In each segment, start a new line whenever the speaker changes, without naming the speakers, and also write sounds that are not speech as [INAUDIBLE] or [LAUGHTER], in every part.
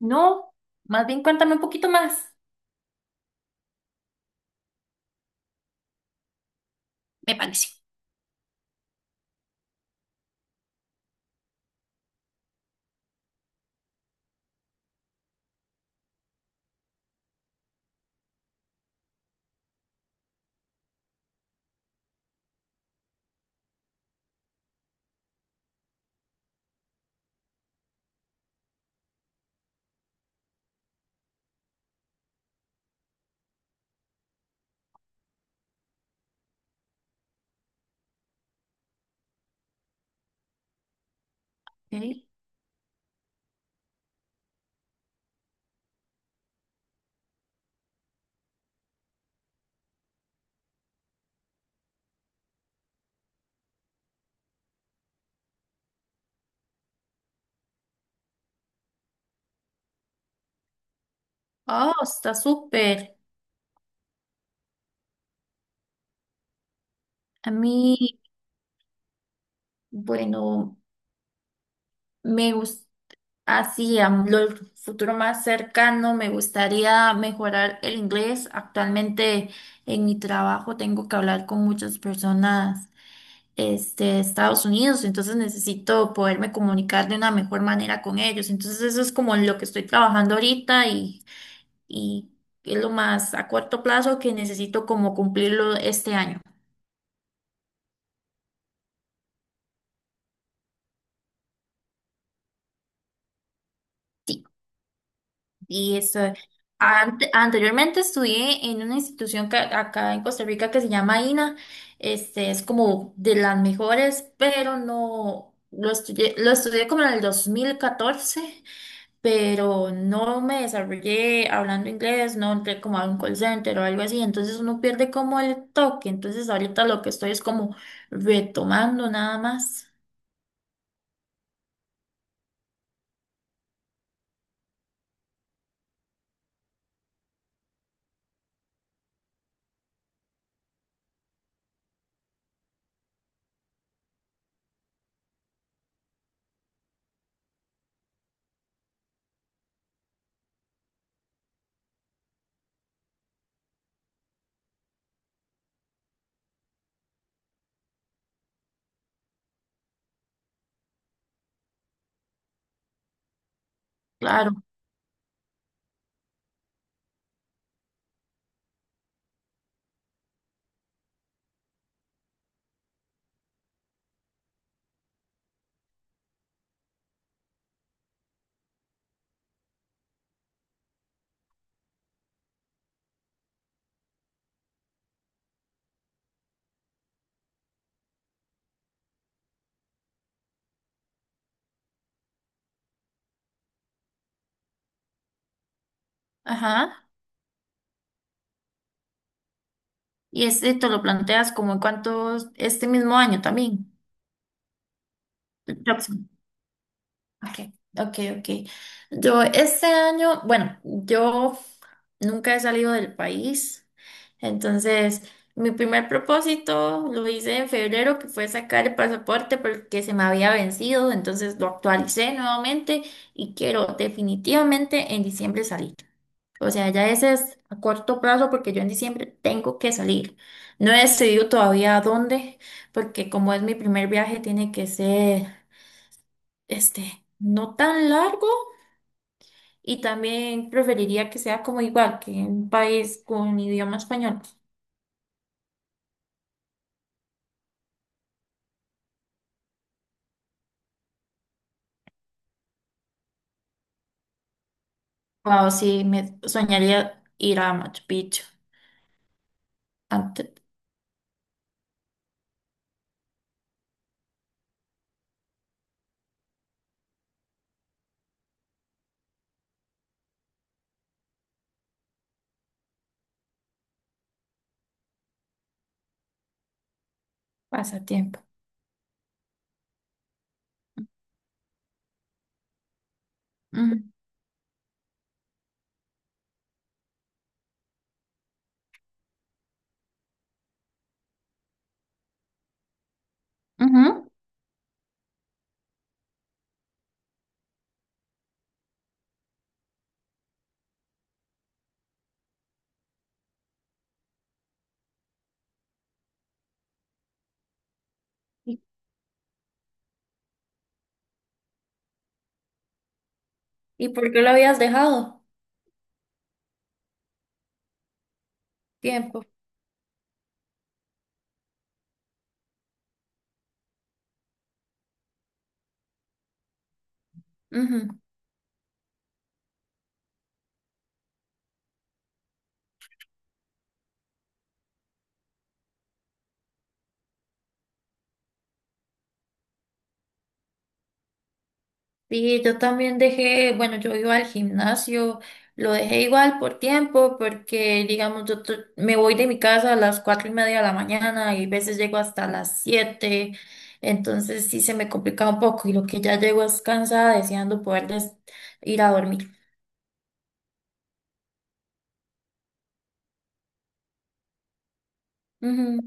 No, más bien cuéntame un poquito más. Me parece. Ok. Oh, está súper. A mí, bueno, me gusta, así, a lo futuro más cercano, me gustaría mejorar el inglés. Actualmente en mi trabajo tengo que hablar con muchas personas, este, de Estados Unidos, entonces necesito poderme comunicar de una mejor manera con ellos. Entonces eso es como lo que estoy trabajando ahorita y es lo más a corto plazo que necesito como cumplirlo este año. Sí, y eso. Anteriormente estudié en una institución acá en Costa Rica que se llama INA. Este es como de las mejores, pero no lo estudié, lo estudié como en el 2014, pero no me desarrollé hablando inglés, no entré como a un call center o algo así, entonces uno pierde como el toque. Entonces ahorita lo que estoy es como retomando nada más. Claro. Ajá. ¿Y este te lo planteas como en cuántos, este mismo año también, el próximo? Ok, ok, ok. Yo este año, bueno, yo nunca he salido del país, entonces mi primer propósito lo hice en febrero, que fue sacar el pasaporte porque se me había vencido, entonces lo actualicé nuevamente y quiero definitivamente en diciembre salir. O sea, ya ese es a corto plazo porque yo en diciembre tengo que salir. No he decidido todavía a dónde, porque como es mi primer viaje, tiene que ser, este, no tan largo, y también preferiría que sea como igual que un país con idioma español. Wow, sí, me soñaría ir a Machu Picchu antes. Pasatiempo. Ujú. Ujú. ¿Y, y por qué lo habías dejado? Tiempo. Sí, yo también dejé, bueno, yo iba al gimnasio, lo dejé igual por tiempo, porque digamos, me voy de mi casa a las 4:30 de la mañana y a veces llego hasta las 7, entonces sí se me complica un poco y lo que ya llego es cansada deseando poder ir a dormir. Ujú.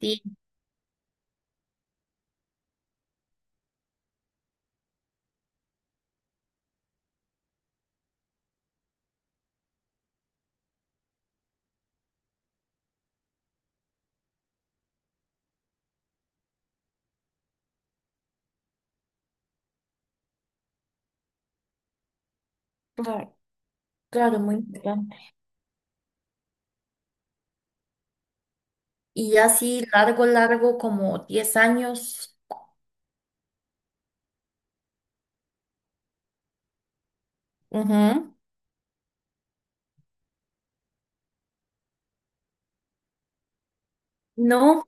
Sí, claro, claro, muy importante. Y así largo, largo, como 10 años. Ujú. No,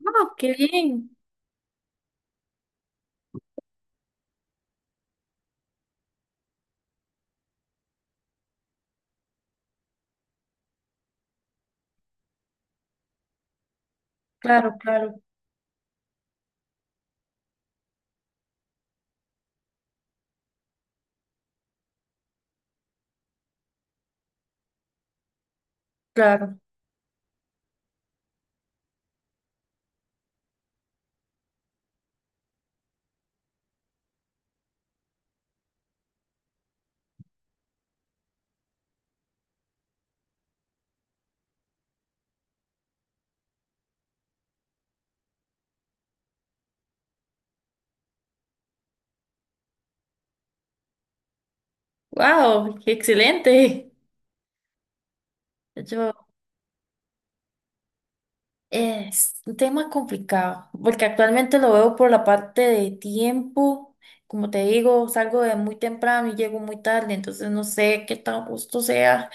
no, qué bien. Claro, claro, claro. Wow, qué excelente. Yo, es un tema complicado, porque actualmente lo veo por la parte de tiempo. Como te digo, salgo de muy temprano y llego muy tarde, entonces no sé qué tan justo sea,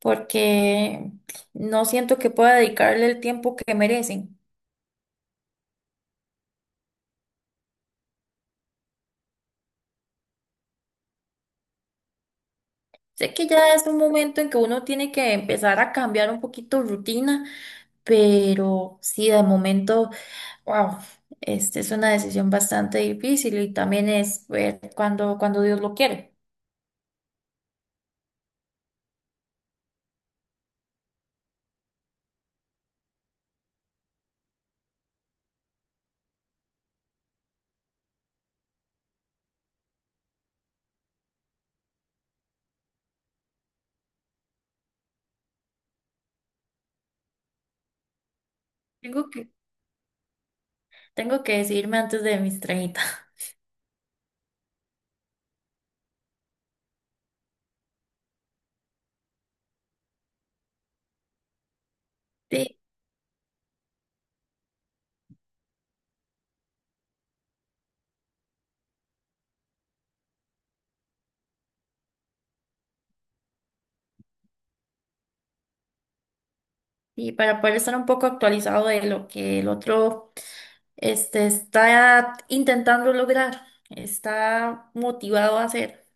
porque no siento que pueda dedicarle el tiempo que merecen. Sé que ya es un momento en que uno tiene que empezar a cambiar un poquito rutina, pero sí, de momento. Wow, este es una decisión bastante difícil y también es ver cuando, cuando Dios lo quiere. Tengo que, Tengo que decidirme antes de mis 30. [LAUGHS] Sí, y para poder estar un poco actualizado de lo que el otro este, está intentando lograr, está motivado a hacer.